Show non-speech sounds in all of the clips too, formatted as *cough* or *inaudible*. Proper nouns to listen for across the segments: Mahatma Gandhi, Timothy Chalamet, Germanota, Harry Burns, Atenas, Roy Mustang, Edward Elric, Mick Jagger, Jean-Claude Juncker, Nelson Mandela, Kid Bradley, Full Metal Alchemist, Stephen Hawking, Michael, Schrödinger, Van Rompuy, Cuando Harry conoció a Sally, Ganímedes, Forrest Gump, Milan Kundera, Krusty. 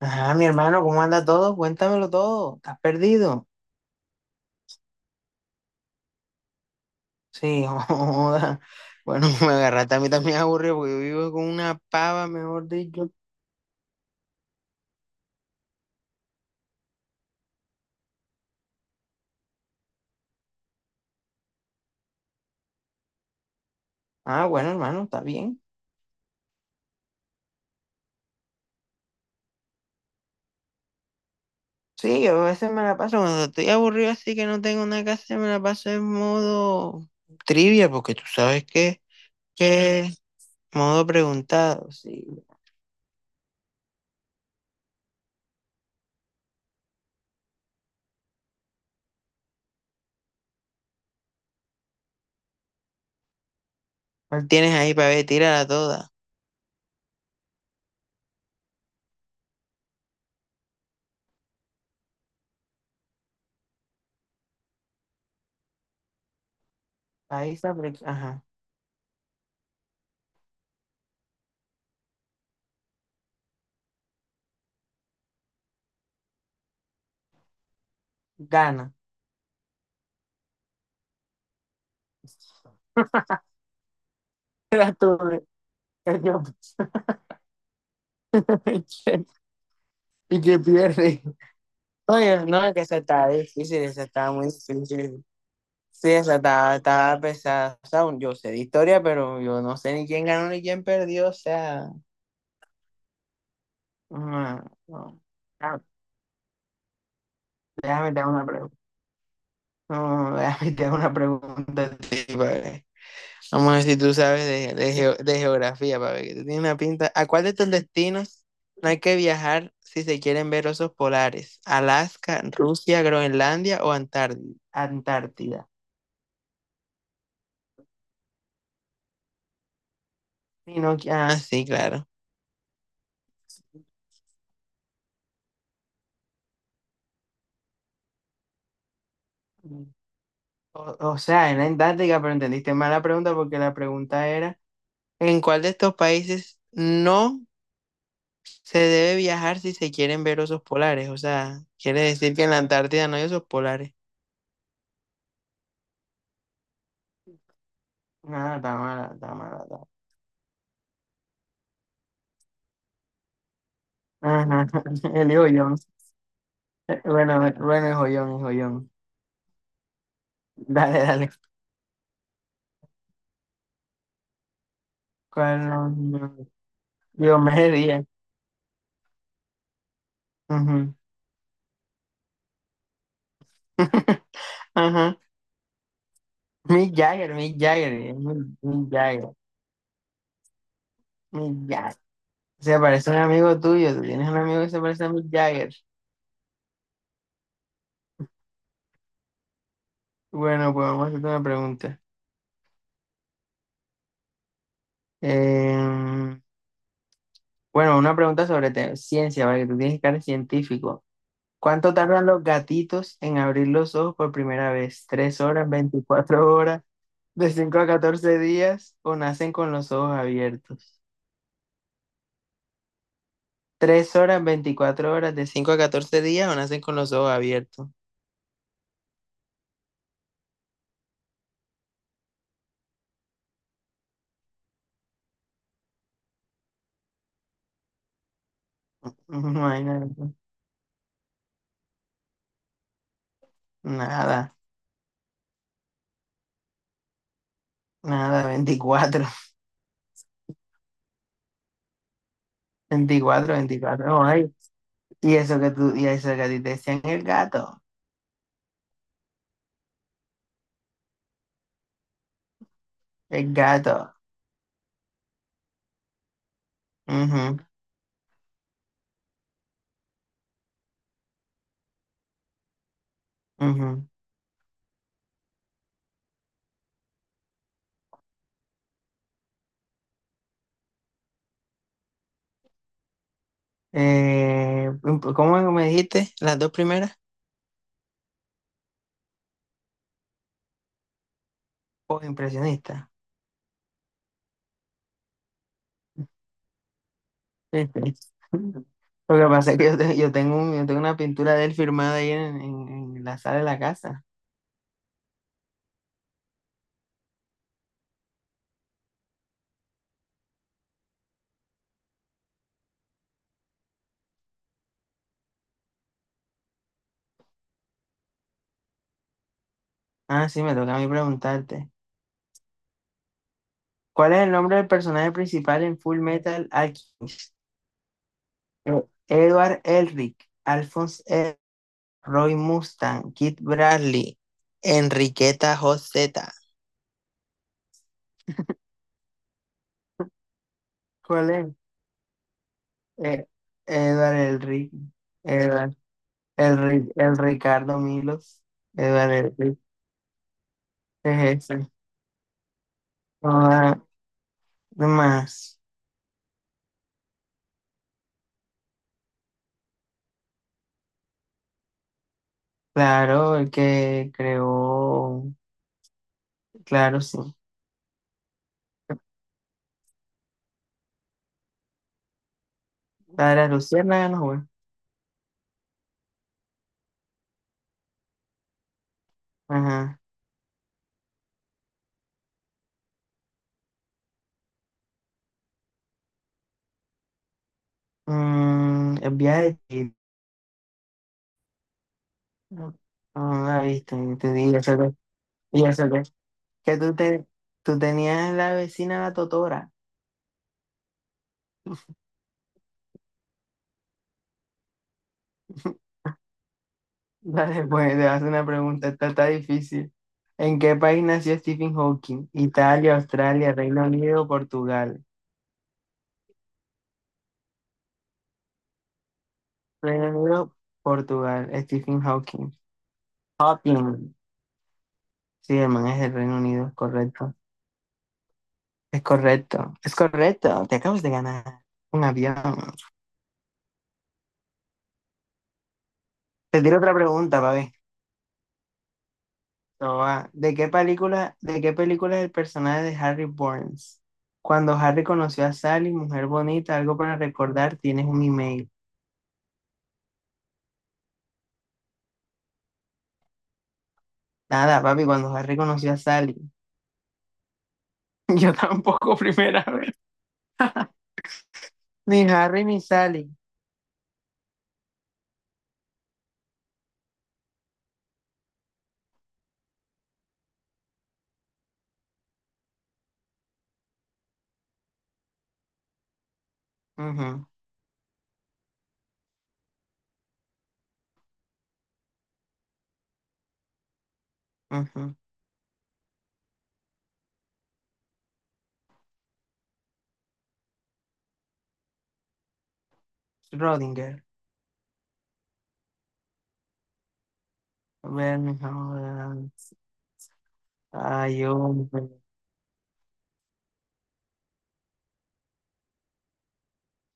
Ajá, mi hermano, ¿cómo anda todo? Cuéntamelo todo. ¿Estás perdido? Sí, *laughs* joda. Bueno, me agarraste a mí también aburrido porque yo vivo con una pava, mejor dicho. Ah, bueno, hermano, está bien. Sí, yo a veces me la paso cuando estoy aburrido así que no tengo nada que hacer, me la paso en modo trivia porque tú sabes que modo preguntado. Sí. ¿Cuál tienes ahí para ver? Tírala toda. País africano. Ajá. Gana. *laughs* Era tú, el yo. *laughs* Y que pierde. Oye, no, es que eso está difícil, eso está muy difícil. Sí, eso está pesado. O sea, yo sé de historia, pero yo no sé ni quién ganó ni quién perdió. O sea, no, no. Ah, déjame te hago una pregunta. No, déjame te hago una pregunta a ti, pa' ver. Vamos a ver si tú sabes de de geografía, para ver que tú tienes una pinta. ¿A cuál de estos destinos no hay que viajar si se quieren ver osos polares? ¿Alaska, Rusia, Groenlandia o Antártida? Sí, no, ah, sí, claro. O sea, era en táctica, pero entendiste mal la pregunta porque la pregunta era, ¿en cuál de estos países no se debe viajar si se quieren ver osos polares? O sea, quiere decir que en la Antártida no hay osos polares. Ah, está mala, está mala, está mala. Ajá, *laughs* el joyón. Bueno, bueno, el joyón, el joyón. Dale, dale. ¿Cuál no? ¿No? Yo me ría. Ujú. *laughs* Ajá. Mick Jagger, Mick Jagger, Mick Jagger, Mick Jagger. Se parece a un amigo tuyo, tú tienes un amigo que se parece a Mick Jagger. Bueno, pues vamos a hacerte una pregunta. Em, bueno, una pregunta sobre ciencia, ¿vale? Tú tienes que ser científico. ¿Cuánto tardan los gatitos en abrir los ojos por primera vez? ¿Tres horas, 24 horas, de 5 a 14 días o nacen con los ojos abiertos? ¿Tres horas, 24 horas, de 5 a catorce días o nacen con los ojos abiertos? *laughs* No hay nada, nada, nada, veinticuatro, veinticuatro, 24. No, hay. Y eso que tú, y eso que a ti te decían el gato, el gato. Ujú, ujú. ¿Cómo me dijiste? Las dos primeras, o impresionista. Sí, sí. *laughs* Lo que pasa es que yo, yo tengo yo tengo una pintura de él firmada ahí en la sala de la casa. Ah, sí, me toca a mí preguntarte. ¿Cuál es el nombre del personaje principal en Full Metal Alchemist? Eh, Edward Elric, Alphonse Ed, Roy Mustang, Kid Bradley, Enriqueta Joseta. ¿Cuál es? eh, Edward el Rick, Edward, el Rick, el Ricardo Milos, Edward el Rick, es ese. Ah, ¿qué más? Claro, el que creó, claro, sí. La de la Luciana, no, güey. Ajá. El viaje de Chihiro. No, no la viste, te digo, y eso que tú, tú tenías la vecina, la Totora. Dale, pues te hace una pregunta, esta está difícil. ¿En qué país nació Stephen Hawking? Italia, Australia, Reino Unido, Portugal. Reino Unido, Portugal, Stephen Hawking. Hawking. Sí, hermano, es del Reino Unido, es correcto. Es correcto, es correcto. Te acabas de ganar un avión. Te tiro otra pregunta, para ver. Esto va. ¿De qué película es el personaje de Harry Burns? Cuando Harry conoció a Sally, mujer bonita, algo para recordar, tienes un email. Nada, papi, cuando Harry conoció a Sally. *laughs* Yo tampoco, primera vez. Ni Harry ni Sally. Ujú, ujú. Schrödinger. A ver, mi ahora. Ay, hombre.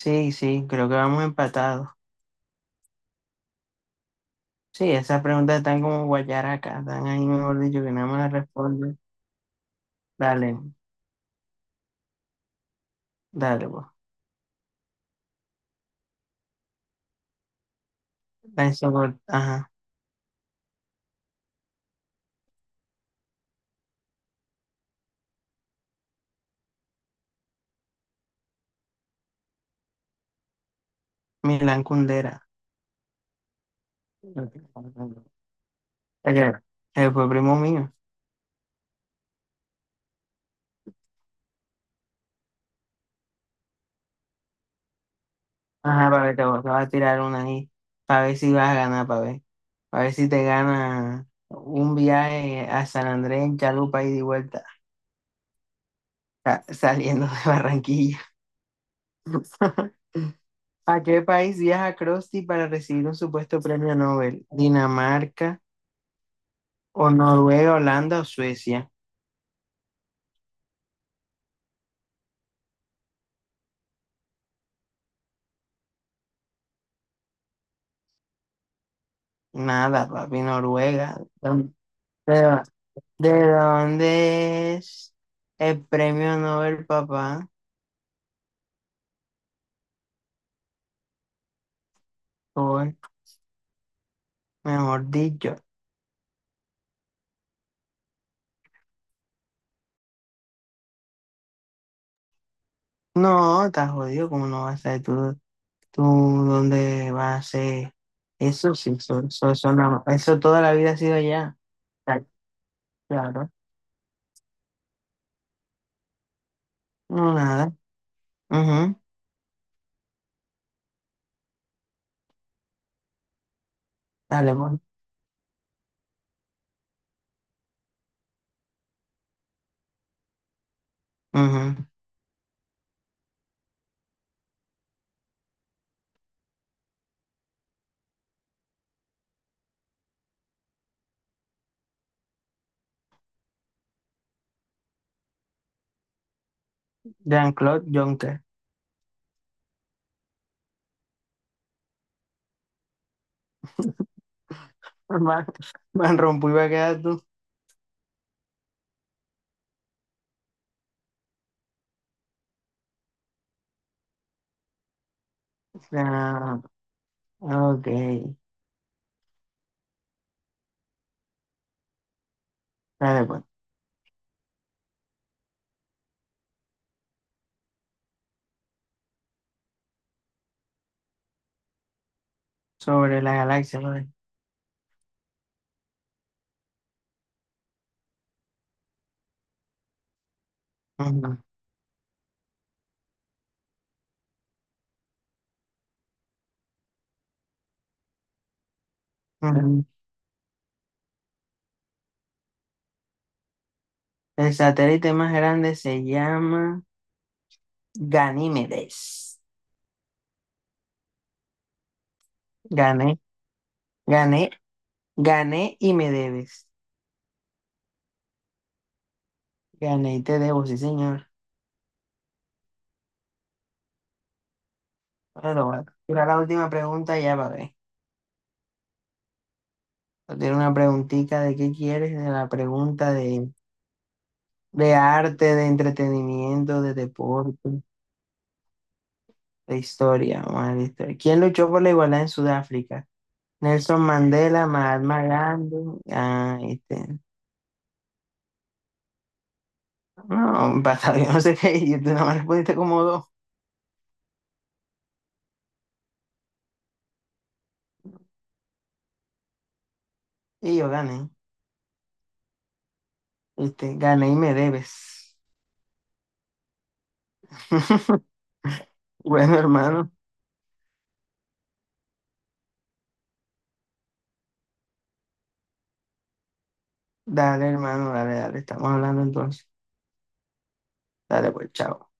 Sí, sí, creo que vamos empatados. Sí, esas preguntas están como guayaracas, están ahí, mejor dicho, que nada más las responde. Dale, dale, pues. Ajá, Milán Kundera. Él fue primo mío. Ajá, para ver, te voy a tirar una ahí, para ver si vas a ganar, para ver. Para ver si te gana un viaje a San Andrés en chalupa y de vuelta, saliendo de Barranquilla. *laughs* ¿A qué país viaja Krusty para recibir un supuesto premio Nobel? ¿Dinamarca o Noruega, Holanda o Suecia? Nada, papi, Noruega. ¿De, dó- de dónde es el premio Nobel, papá? Por, mejor dicho. No, estás jodido, ¿cómo no vas a ser tú, dónde vas a ser eso, sí, eso, eso toda la vida ha sido allá. Está claro, no nada, ujú, dale, bueno, ujú. Jean-Claude Juncker, *laughs* Van, Van Rompuy va a quedar tú, ah, ok, dale, pues, sobre la galaxia, pues. Ujú, ujú. El satélite más grande se llama Ganímedes, gané, gané, gané y me debes. Gané y te debo, sí, señor. Bueno, bueno. Tira la última pregunta ya para ver. Tiene una preguntita de qué quieres, de la pregunta de arte, de entretenimiento, de deporte, de historia. Vamos a ver de historia. ¿Quién luchó por la igualdad en Sudáfrica? Nelson Mandela, Mahatma Gandhi. Ah, este. No, basta, *laughs* yo no sé qué. Y tú nada más respondiste como dos. Y yo gané. Este, gané y me debes. *laughs* Bueno, hermano. Dale, hermano, dale, dale. Estamos hablando entonces. Dale, pues, chao.